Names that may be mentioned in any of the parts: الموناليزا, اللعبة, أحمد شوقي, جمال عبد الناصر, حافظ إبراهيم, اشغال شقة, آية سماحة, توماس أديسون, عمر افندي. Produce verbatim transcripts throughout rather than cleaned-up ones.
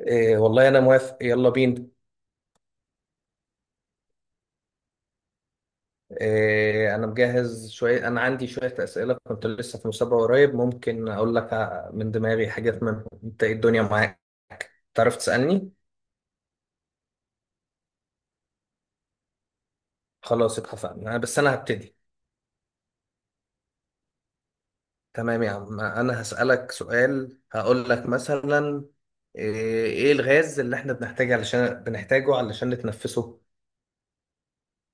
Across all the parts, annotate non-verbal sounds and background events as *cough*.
إيه والله أنا موافق. يلا بينا. إيه أنا مجهز شوية. أنا عندي شوية أسئلة، كنت لسه في مسابقة قريب، ممكن أقول لك ع- من دماغي حاجات منهم. أنت إيه الدنيا معاك؟ تعرف تسألني؟ خلاص اتفقنا. أنا- بس أنا هبتدي. تمام يا عم، أنا هسألك سؤال هقول لك مثلا. إيه إيه الغاز اللي إحنا بنحتاجه علشان بنحتاجه علشان نتنفسه؟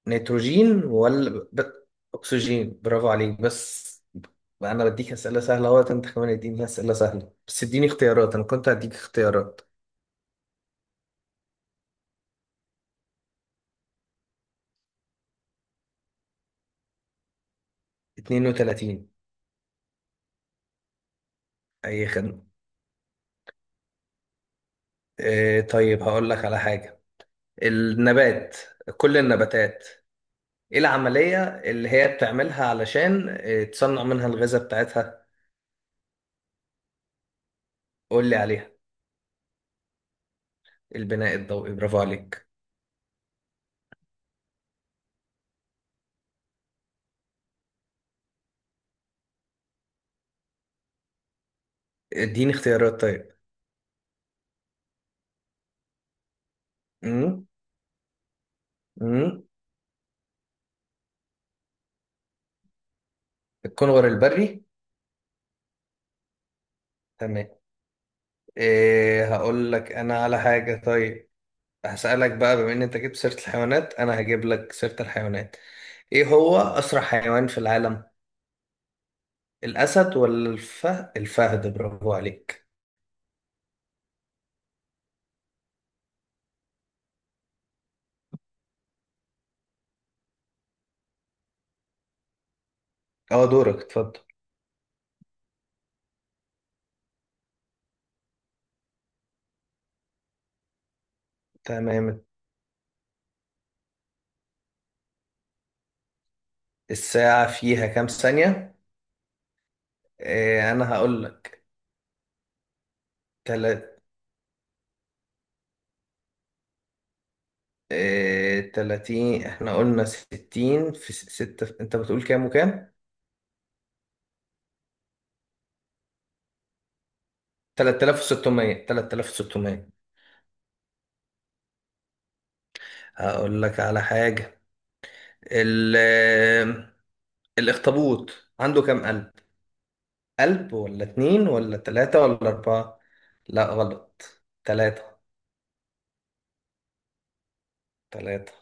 نيتروجين ولا ب... أكسجين؟ برافو عليك، بس بقى أنا بديك أسئلة سهلة أهوت، أنت كمان اديني أسئلة سهلة، بس اديني اختيارات. أنا كنت هديك اختيارات. اثنان وثلاثون. أي خدمة؟ إيه طيب، هقول لك على حاجة. النبات، كل النباتات، إيه العملية اللي هي بتعملها علشان إيه، تصنع منها الغذاء بتاعتها؟ قول لي عليها. البناء الضوئي برافو عليك. اديني اختيارات طيب. امم امم الكنغر البري. تمام. إيه هقول لك انا على حاجة طيب. هسألك بقى، بما ان انت جبت سيرة الحيوانات انا هجيب لك سيرة الحيوانات. ايه هو اسرع حيوان في العالم؟ الاسد ولا الفهد؟ الفهد برافو عليك. اه، دورك اتفضل. تمام. الساعة فيها كام ثانية؟ إيه انا هقول لك. تلات إيه تلاتين. احنا قلنا ستين في س- ستة. انت بتقول كام وكام؟ تلاتة آلاف وستمية. تلاتة آلاف وستمية. هقول لك على حاجة. ال الأخطبوط عنده كام قلب؟ قلب ولا اتنين ولا تلاتة ولا أربعة؟ لا غلط، تلاتة. تلاتة.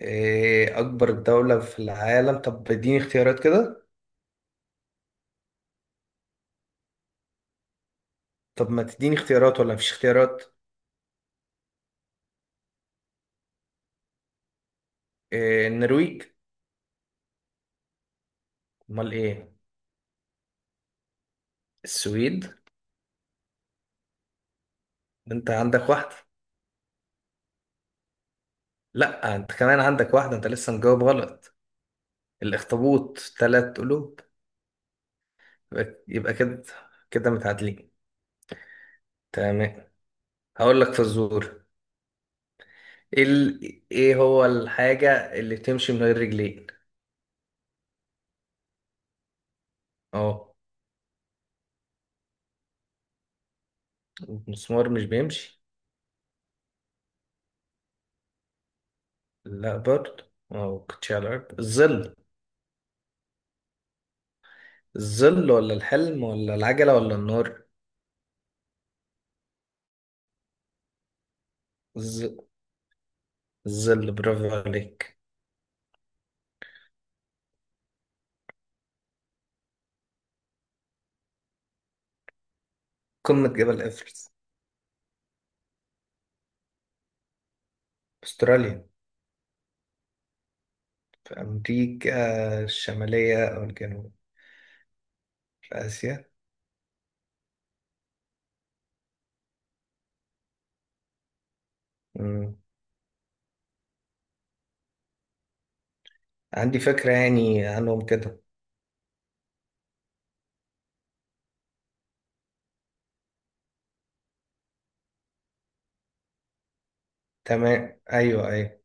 إيه أكبر دولة في العالم؟ طب اديني اختيارات كده. طب ما تديني اختيارات ولا مفيش اختيارات؟ إيه النرويج. أمال إيه؟ السويد. ده أنت عندك واحدة. لا، أنت كمان عندك واحدة، أنت لسه مجاوب غلط. الأخطبوط تلات قلوب. يبقى يبقى كده. كده متعادلين. تمام. هقول لك فزورة. ايه ال- إيه هو الحاجة اللي بتمشي من غير رجلين؟ اه. المسمار مش بيمشي. لا برضه، اه كنتش على الأرض. الظل. الظل ولا الحلم ولا العجلة ولا النار؟ الظ- الظل برافو عليك. قمة جبل إيفرست. في أستراليا؟ في أمريكا الشمالية أو الجنوب؟ في آسيا. مم. عندي فكرة يعني عنهم كده. تمام، أيوه أيوه.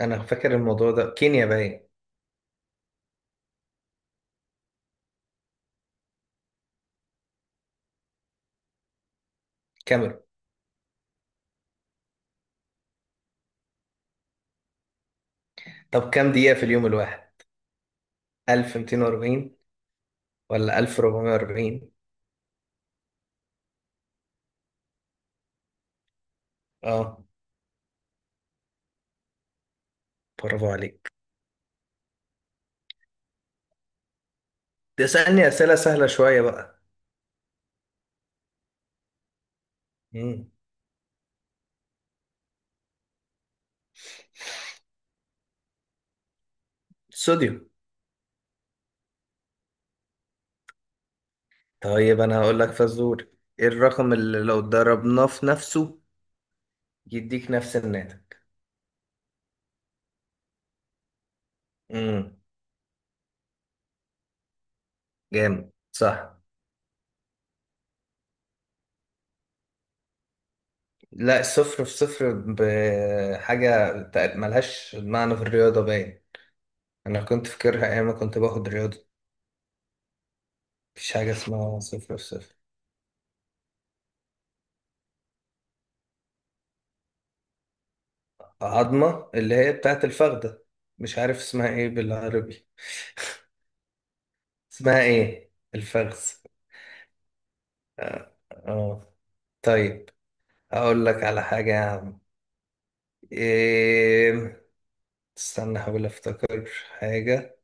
أنا فاكر الموضوع ده، كينيا باين. كاميرون. طب كام دقيقة في اليوم الواحد؟ ألف ومائتين وأربعين ولا ألف وأربعمية وأربعين؟ اه، برافو عليك. تسألني أسئلة سهلة شوية بقى. مم. صوديوم. طيب أنا هقول لك فزور. إيه الرقم اللي لو ضربناه في نفسه يديك نفس الناتج؟ امم جامد صح. لا، صفر في صفر بحاجة تق- ملهاش معنى في الرياضة باين. أنا كنت فاكرها أيام ما كنت باخد رياضة. مفيش حاجة اسمها صفر في صفر. عظمة اللي هي بتاعت الفخدة. مش عارف اسمها ايه بالعربي. *laughs* اسمها ايه الفخذ. اه، آه. طيب، هقول لك على حاجة يا عم. إيه... استنى احاول افتكر حاجة.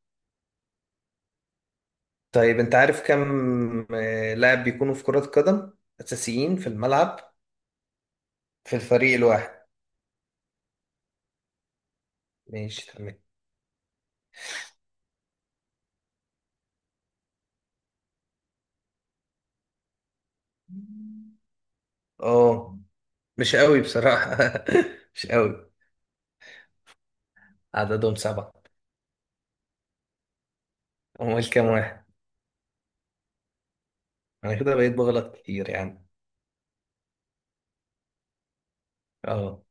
طيب انت عارف كم آه، لاعب بيكونوا في كرة قدم اساسيين في الملعب في الفريق الواحد؟ ماشي تمام. اه، مش قوي بصراحة. *laughs* مش قوي. عددهم سبعة. امال كام واحد؟ انا كده بقيت بغلط كتير يعني. اه.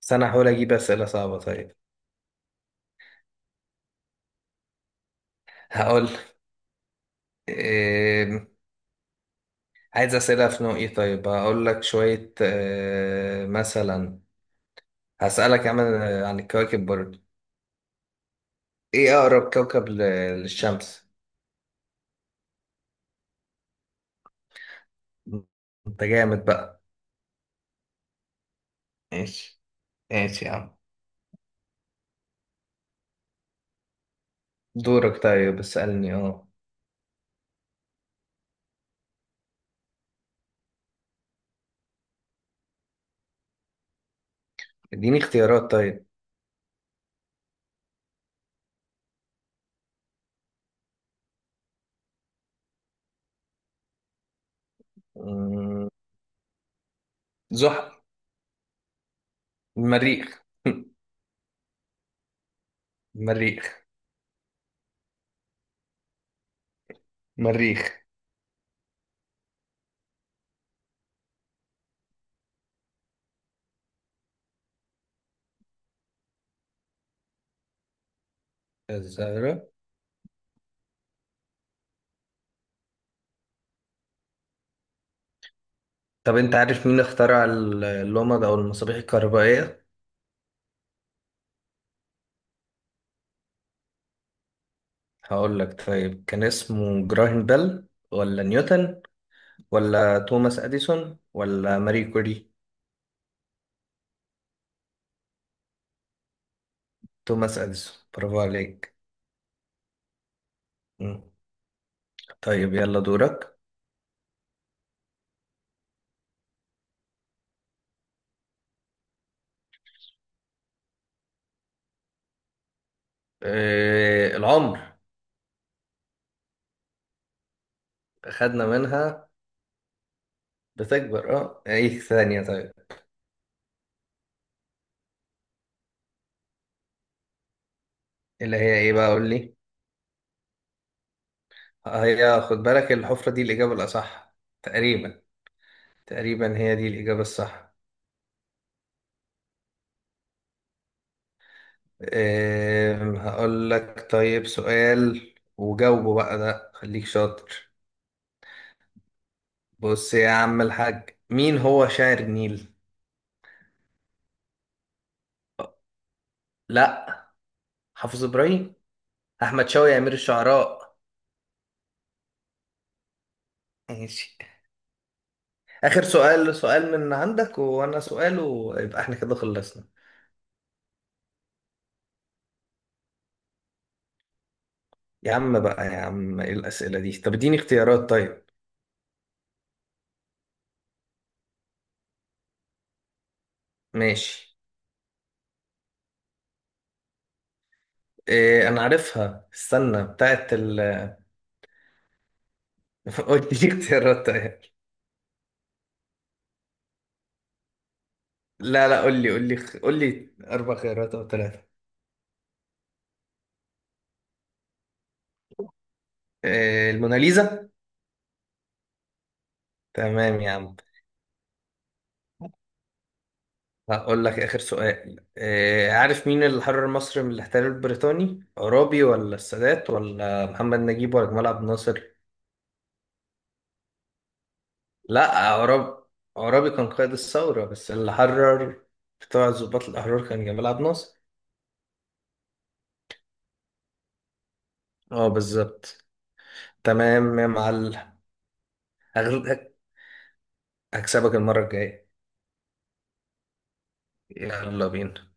بس انا هحاول اجيب اسئلة صعبة طيب. هقول. عايز أسئلة في نوع إيه؟ طيب هقول لك شوية آه، مثلا. هسألك عن عن الكواكب برضه. إيه أقرب كوكب ل- للشمس؟ أنت جامد بقى. ماشي. ماشي يا عم. دورك طيب، اسألني أه. إديني اختيارات طيب. مم، زحل. المريخ. *laughs* المريخ. المريخ. الزهرة. طب أنت عارف مين اخترع ال- اللمبة أو المصابيح الكهربائية؟ هقول لك طيب، كان اسمه جراهام بيل ولا نيوتن ولا توماس أديسون ولا ماري كوري؟ توماس أديسون برافو عليك. مم. طيب يلا دورك. آه العمر. خدنا منها بتكبر، اه، ايه ثانية طيب. اللي هي ايه بقى قول لي؟ هي، خد بالك، الحفرة دي الإجابة الأصح تقريبا. تقريبا هي دي الإجابة الصح. آه هقول لك طيب سؤال وجاوبه بقى ده، خليك شاطر. بص يا عم الحاج، مين هو شاعر النيل؟ لا، حافظ إبراهيم. احمد شوقي امير الشعراء. ماشي. اخر سؤال، سؤال من عندك وانا سؤال، ويبقى احنا كده خلصنا. يا عم بقى يا عم، ايه الاسئله دي؟ طب اديني اختيارات طيب. ماشي. إيه انا عارفها، استنى بتاعت ال *laughs* قول لي اختيارات طيب. لا لا، قول لي قول لي قول لي اربع خيارات او ثلاثه. إيه الموناليزا. تمام يا عم. هقول لك اخر سؤال. إيه عارف مين اللي حرر مصر من الاحتلال البريطاني؟ عرابي ولا السادات ولا محمد نجيب ولا جمال عبد الناصر؟ لا، عرابي عرابي كان قائد الثورة بس، اللي حرر بتوع ضباط الأحرار كان جمال عبد الناصر. اه بالظبط. تمام يا معلم. هغل- هكسبك المرة الجاية. يلا بينا.